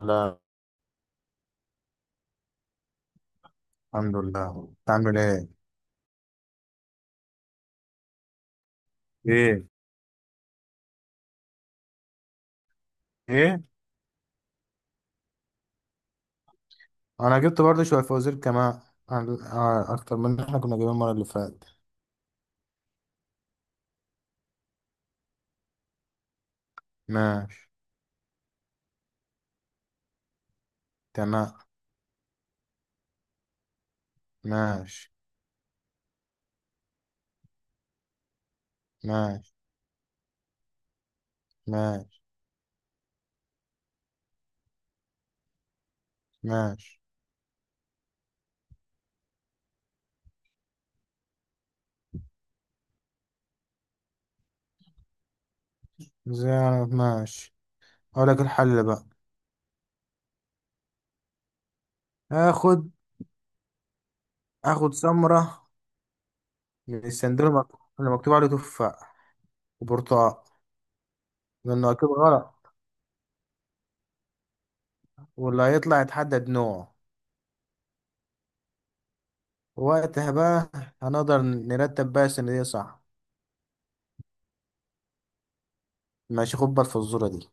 لا. الحمد لله، انت عامل ايه؟ ايه. ايه. انا جبت برضه شويه فوازير كمان اكتر من اللي احنا كنا جايبين المره اللي فاتت. ماشي. تمام. ماشي. ماشي. ماشي. ماشي. ازاي؟ انا ماشي. اقول لك الحل بقى. اخد اخد سمره من السندوتش اللي مكتوب عليه تفاح وبرتقال، لانه اكيد غلط، واللي هيطلع يتحدد نوعه. وقتها بقى هنقدر نرتب بقى السندوتش صح. ماشي. خد بالك في الصوره دي.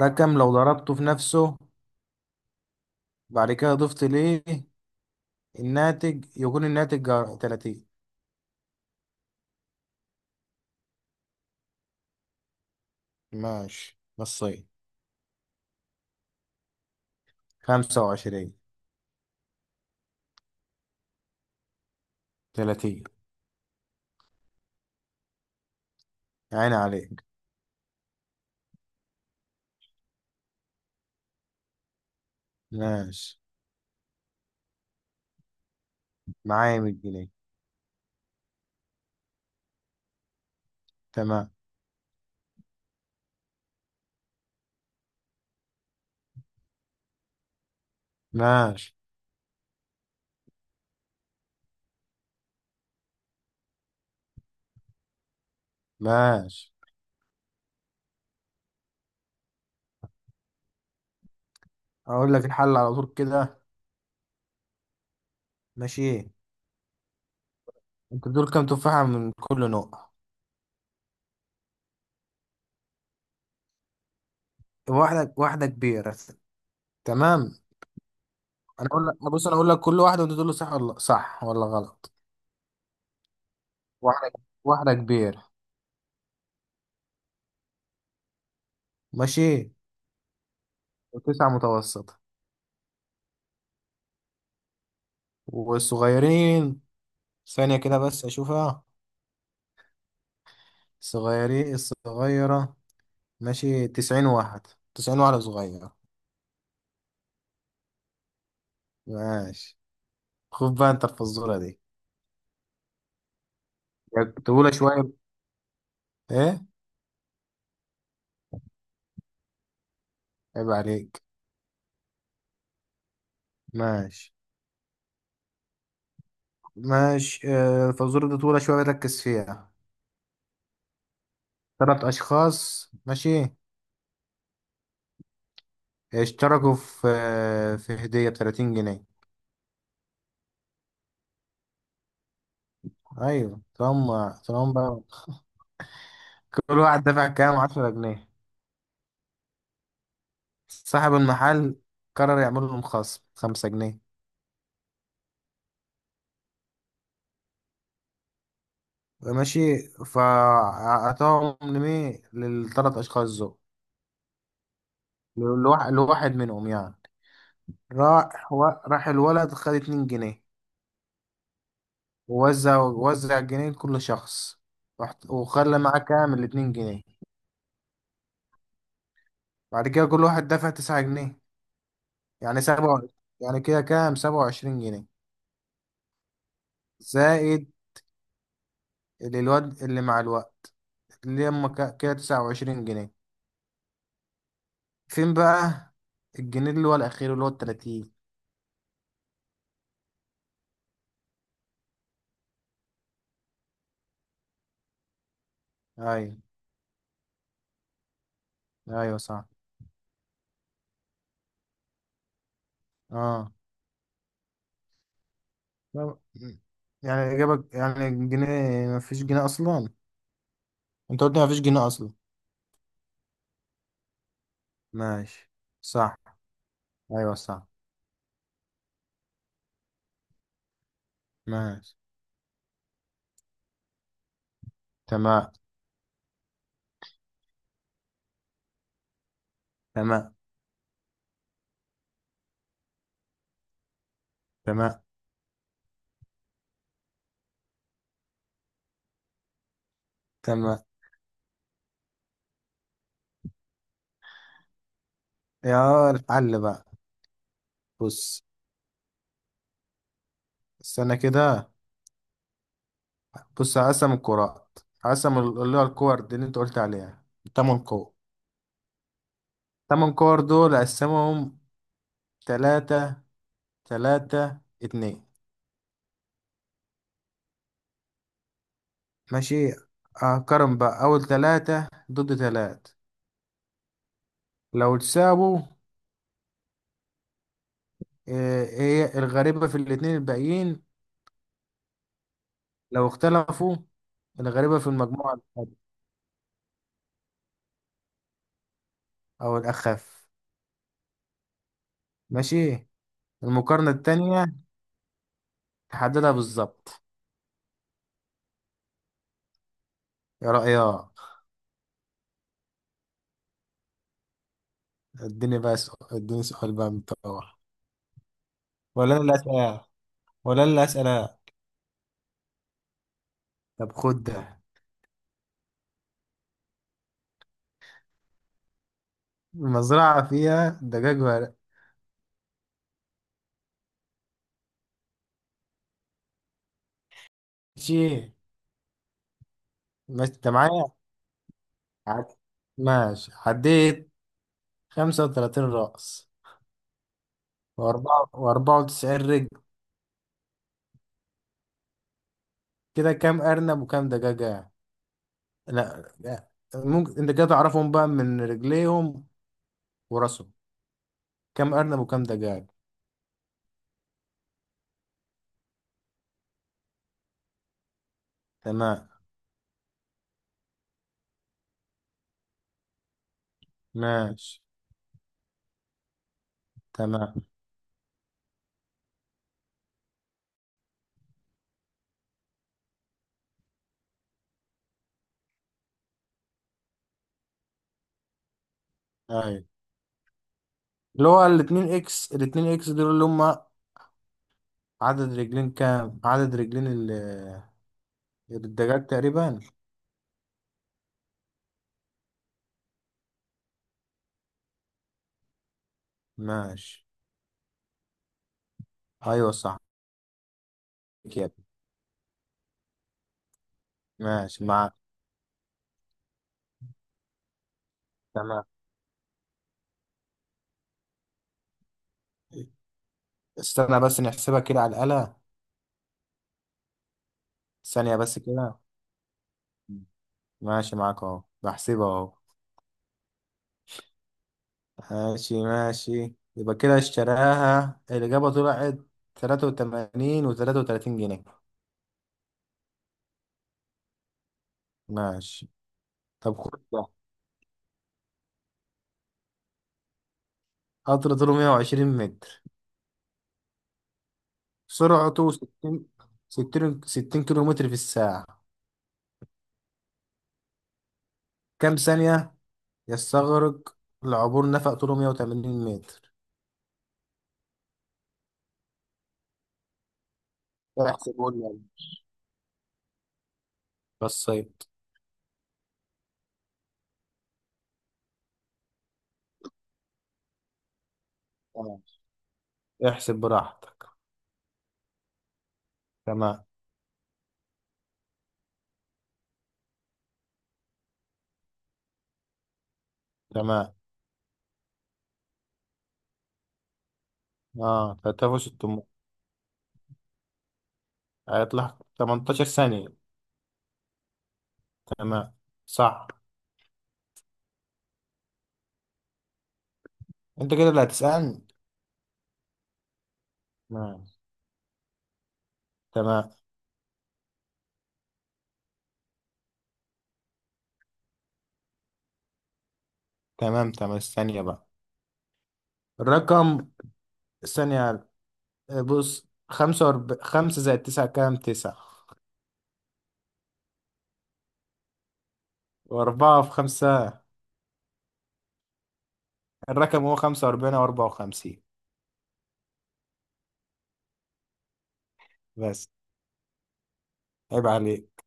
رقم لو ضربته في نفسه بعد كده ضفت ليه، الناتج يكون 30. ماشي، نصين. 25. 30. عين عليك. ماشي، معايا 100 جنيه. تمام. ماشي. ماشي، اقول لك الحل على طول كده. ماشي. انت دول كام تفاحة من كل نوع؟ واحدة. واحدة كبيرة. تمام. انا اقول لك، بص انا اقول لك كل واحدة وانت تقول لي صح ولا صح ولا غلط. واحدة. واحدة كبيرة. ماشي. وتسعة متوسطة. والصغيرين، ثانية كده بس أشوفها، صغيرين الصغيرة. ماشي، 90 واحد، 90 واحدة صغيرة. ماشي، خد بقى أنت الفزورة دي. طولة شوية. إيه؟ عيب عليك. ماشي. ماشي، الفزورة دي طولة شوية، ركز فيها. تلات أشخاص، ماشي، اشتركوا في في هدية ب30 جنيه. أيوة. طالما بقى كل واحد دفع كام؟ 10 جنيه. صاحب المحل قرر يعمل لهم خصم 5 جنيه. ماشي، فأعطاهم لمين؟ للثلاث أشخاص دول. لواحد منهم يعني. راح الولد خد 2 جنيه، ووزع الجنيه لكل شخص. وخلى معاه كام؟ ال2 جنيه. بعد كده كل واحد دفع 9 جنيه، يعني سبعة، يعني كده كام؟ 27 جنيه، زائد اللي الواد اللي مع الوقت، اللي هما كده 29 جنيه. فين بقى الجنيه اللي هو الأخير، اللي هو ال30؟ أيوة. أيوة صح. اه. لا، يعني إجابة يعني جنيه؟ مفيش جنيه أصلا. أنت قلت مفيش جنيه أصلا. ماشي. صح. أيوه صح. ماشي. تمام. تمام. تمام. تمام. يا الحل بقى. بص، استنى كده. بص، هقسم الكرات، اللي هو الكور دي اللي أنت قلت عليها. 8 كور. تمن كور دول أقسمهم تلاتة تلاتة اتنين. ماشي، أقارن بقى أول تلاتة ضد تلاتة. لو تساووا، هي الغريبة في الاتنين الباقيين. لو اختلفوا، الغريبة في المجموعة الأقل، أو الأخف. ماشي. المقارنة التانية تحددها بالظبط. يا رأيك؟ اديني بقى سؤال، اديني سؤال بقى من بتوع. ولا أنا اللي أسأل؟ ولا أنا اللي أسأل؟ طب خد ده. المزرعة فيها دجاج ورق. ماشي. ماشي، أنت معايا. عد- ماشي، عديت 35 رأس و94 رجل. كده كام أرنب وكام دجاجة؟ لا لا. ممكن انت كده تعرفهم بقى من رجليهم وراسهم. كم ارنب وكم دجاج؟ تمام. ماشي. تمام. ايوه، اللي هو الاتنين اكس، دول اللي هم عدد رجلين كام، الدجاج تقريبا. ماشي. ايوه صح كده. ماشي معاك. تمام. استنى بس نحسبها كده على الآلة، ثانية بس كده. ماشي معاك اهو، بحسبها اهو. ماشي. ماشي، يبقى كده اشتراها، الإجابة طلعت 83 و33 جنيه. ماشي. طب خد ده. قطر طوله 120 متر، سرعته ستين، ستين كيلو متر في الساعة. كم ثانية يستغرق لعبور نفق طوله 180 متر؟ احسب قول لي يلا. بصيت. آه. احسب براحتك. تمام. تمام. اه، 3600. هيطلع 18 ثانية. تمام. صح. انت كده اللي هتسألني. تمام. تمام. تمام. تمام، ثانية بقى. الرقم، ثانية. بص، خمسة زائد تسعة كام؟ تسعة. وأربعة في خمسة. الرقم هو 45 وأربعة وخمسين. بس. عيب عليك.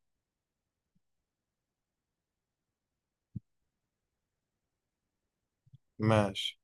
ماشي.